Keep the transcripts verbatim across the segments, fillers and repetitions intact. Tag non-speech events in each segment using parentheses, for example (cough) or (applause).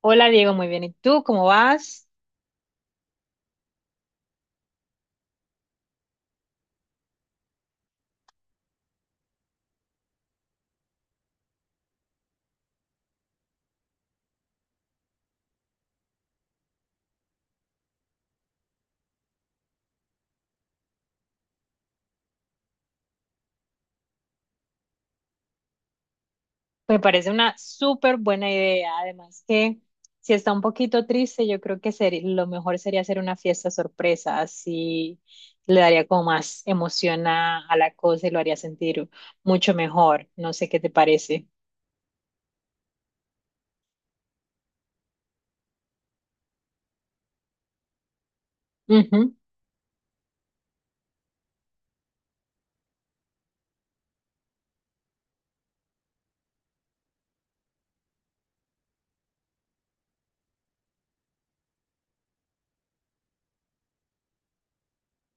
Hola Diego, muy bien. ¿Y tú cómo vas? Me parece una súper buena idea. Además que si está un poquito triste, yo creo que seri- lo mejor sería hacer una fiesta sorpresa. Así le daría como más emoción a, a la cosa y lo haría sentir mucho mejor. No sé qué te parece.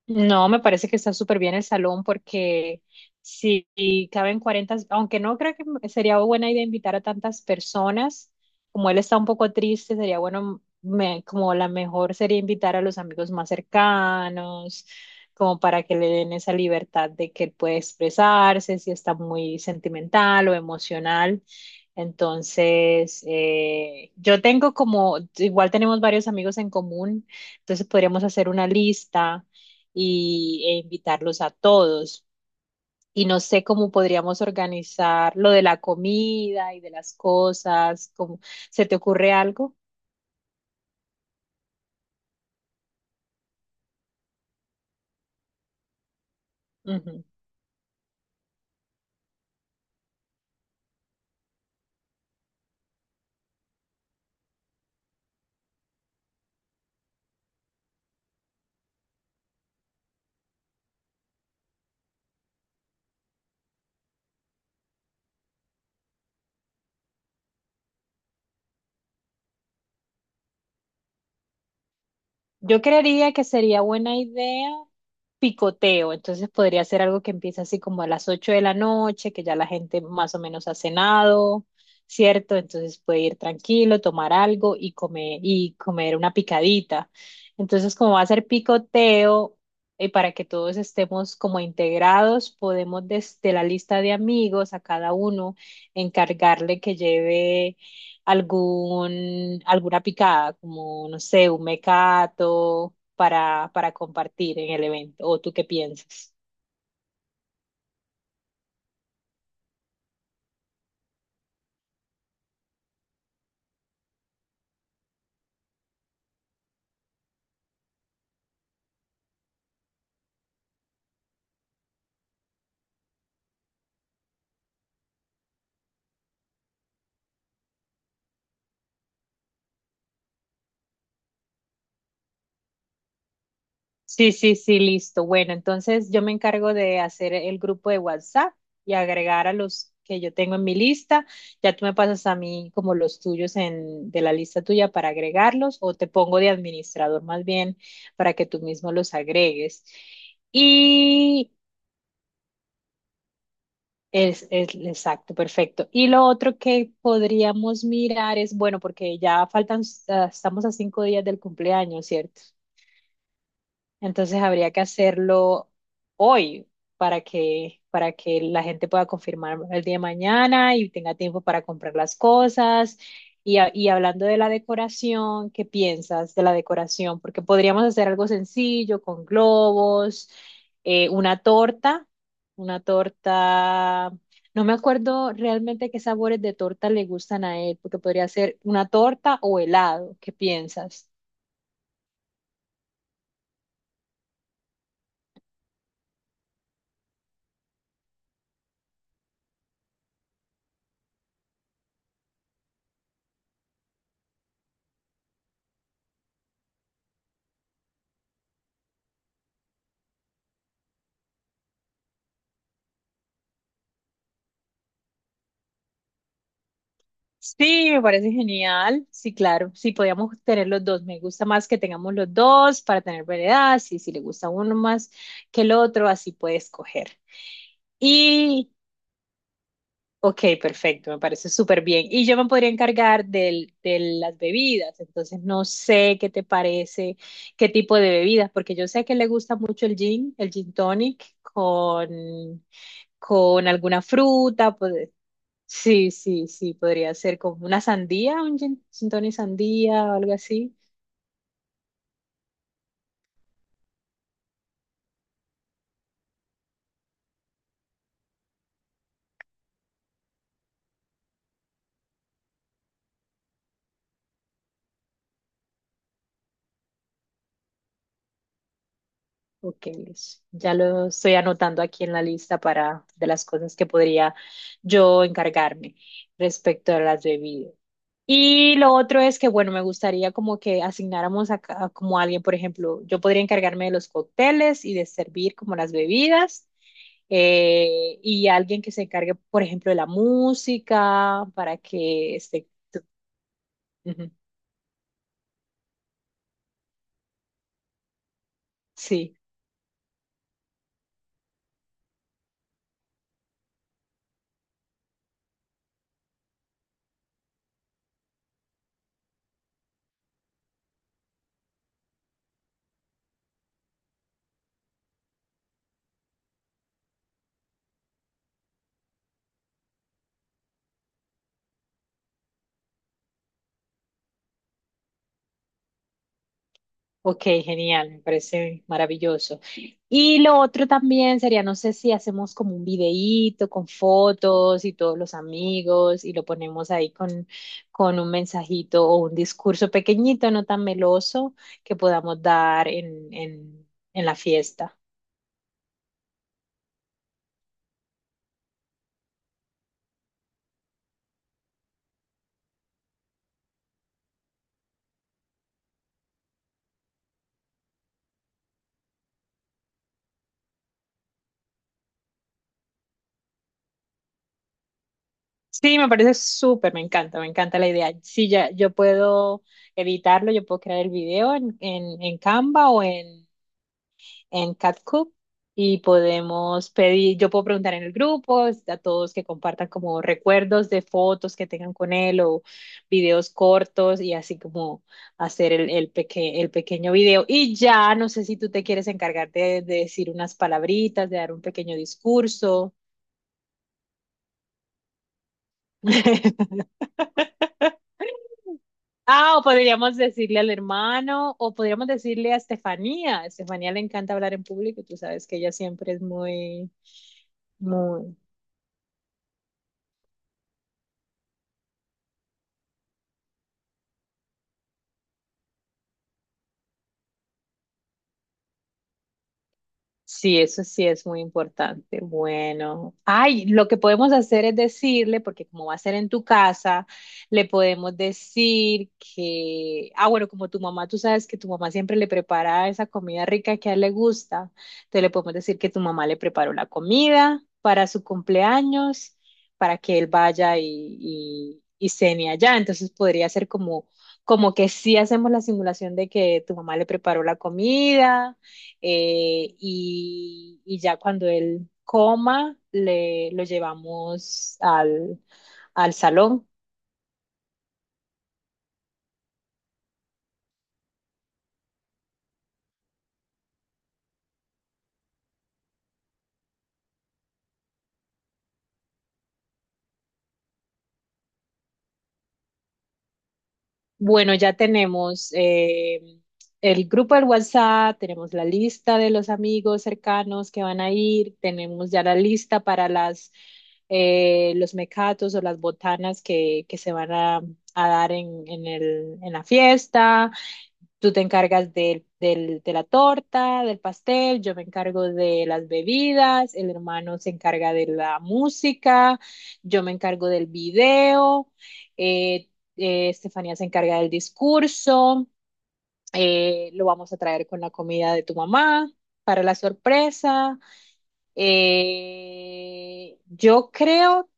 No, me parece que está súper bien el salón porque si caben cuarenta, aunque no creo que m- sería buena idea invitar a tantas personas, como él está un poco triste, sería bueno, me- como la mejor sería invitar a los amigos más cercanos, como para que le den esa libertad de que él puede expresarse, si está muy sentimental o emocional. Entonces, eh, yo tengo como, igual tenemos varios amigos en común, entonces podríamos hacer una lista y e invitarlos a todos. Y no sé cómo podríamos organizar lo de la comida y de las cosas, ¿cómo? ¿Se te ocurre algo? Ujú. Yo creería que sería buena idea picoteo, entonces podría ser algo que empiece así como a las ocho de la noche, que ya la gente más o menos ha cenado, ¿cierto? Entonces puede ir tranquilo, tomar algo y comer, y comer una picadita. Entonces, como va a ser picoteo, y para que todos estemos como integrados, podemos desde la lista de amigos a cada uno encargarle que lleve algún, alguna picada, como, no sé, un mecato para, para compartir en el evento. ¿O tú qué piensas? Sí, sí, sí, listo. Bueno, entonces yo me encargo de hacer el grupo de WhatsApp y agregar a los que yo tengo en mi lista. Ya tú me pasas a mí como los tuyos en, de la lista tuya para agregarlos o te pongo de administrador más bien para que tú mismo los agregues. Es, es exacto, perfecto. Y lo otro que podríamos mirar es, bueno, porque ya faltan, s- ah, estamos a cinco días del cumpleaños, ¿cierto? Entonces habría que hacerlo hoy para que, para que, la gente pueda confirmar el día de mañana y tenga tiempo para comprar las cosas. Y, a- y hablando de la decoración, ¿qué piensas de la decoración? Porque podríamos hacer algo sencillo con globos, eh, una torta, una torta. No me acuerdo realmente qué sabores de torta le gustan a él, porque podría ser una torta o helado. ¿Qué piensas? Sí, me parece genial. Sí, claro. Sí, podíamos tener los dos. Me gusta más que tengamos los dos para tener variedad. Sí, si le gusta uno más que el otro, así puede escoger. Y, ok, perfecto. Me parece súper bien. Y yo me podría encargar del, de las bebidas. Entonces, no sé qué te parece, qué tipo de bebidas, porque yo sé que le gusta mucho el gin, el gin tonic con, con alguna fruta. Pues, sí, sí, sí, podría ser como una sandía, un gin, gin tonic sandía o algo así. Ok, listo. Ya lo estoy anotando aquí en la lista para de las cosas que podría yo encargarme respecto a las bebidas. Y lo otro es que, bueno, me gustaría como que asignáramos a, ca- a como alguien, por ejemplo, yo podría encargarme de los cócteles y de servir como las bebidas, eh, y alguien que se encargue, por ejemplo, de la música para que esté. Ujú, sí. Ok, genial, me parece maravilloso. Y lo otro también sería, no sé si hacemos como un videíto con fotos y todos los amigos y lo ponemos ahí con, con un mensajito o un discurso pequeñito, no tan meloso, que podamos dar en, en, en, la fiesta. Sí, me parece súper, me encanta, me encanta la idea. Sí, ya, yo puedo editarlo, yo puedo crear el video en, en, en Canva o en en CatCook y podemos pedir, yo puedo preguntar en el grupo a todos que compartan como recuerdos de fotos que tengan con él o videos cortos y así como hacer el, el, peque- el pequeño video. Y ya, no sé si tú te quieres encargar de, de decir unas palabritas, de dar un pequeño discurso. (laughs) Ah, o podríamos decirle al hermano, o podríamos decirle a Estefanía. A Estefanía le encanta hablar en público, y tú sabes que ella siempre es muy, muy. Sí, eso sí es muy importante. Bueno, ay, lo que podemos hacer es decirle, porque como va a ser en tu casa, le podemos decir que, ah, bueno, como tu mamá, tú sabes que tu mamá siempre le prepara esa comida rica que a él le gusta, entonces le podemos decir que tu mamá le preparó la comida para su cumpleaños, para que él vaya y, y, y cene allá. Entonces podría ser como, como que sí hacemos la simulación de que tu mamá le preparó la comida, eh, y, y ya cuando él coma, le, lo llevamos al, al salón. Bueno, ya tenemos eh, el grupo del WhatsApp, tenemos la lista de los amigos cercanos que van a ir, tenemos ya la lista para las, eh, los mecatos o las botanas que, que se van a, a dar en, en el, en la fiesta. Tú te encargas del, del- de la torta, del pastel, yo me encargo de las bebidas, el hermano se encarga de la música, yo me encargo del video, eh, eh, Estefanía se encarga del discurso, eh, lo vamos a traer con la comida de tu mamá para la sorpresa. Eh, yo creo,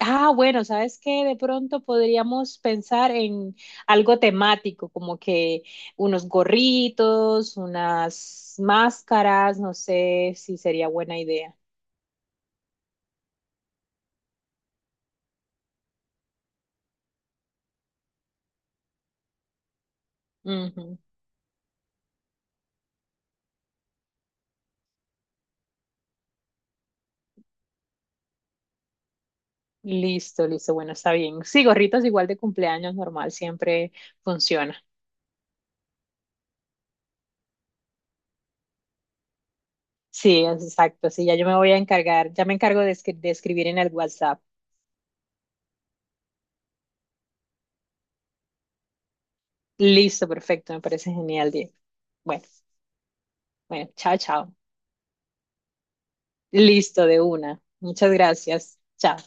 ah, bueno, ¿sabes qué? De pronto podríamos pensar en algo temático, como que unos gorritos, unas máscaras, no sé si sería buena idea. Ujú. Listo, listo, bueno, está bien. Sí, gorritos igual de cumpleaños normal, siempre funciona. Sí, es exacto, sí, ya yo me voy a encargar, ya me encargo de, escri- de escribir en el WhatsApp. Listo, perfecto, me parece genial, Diego. Bueno, bueno, chao, chao. Listo, de una. Muchas gracias. Chao.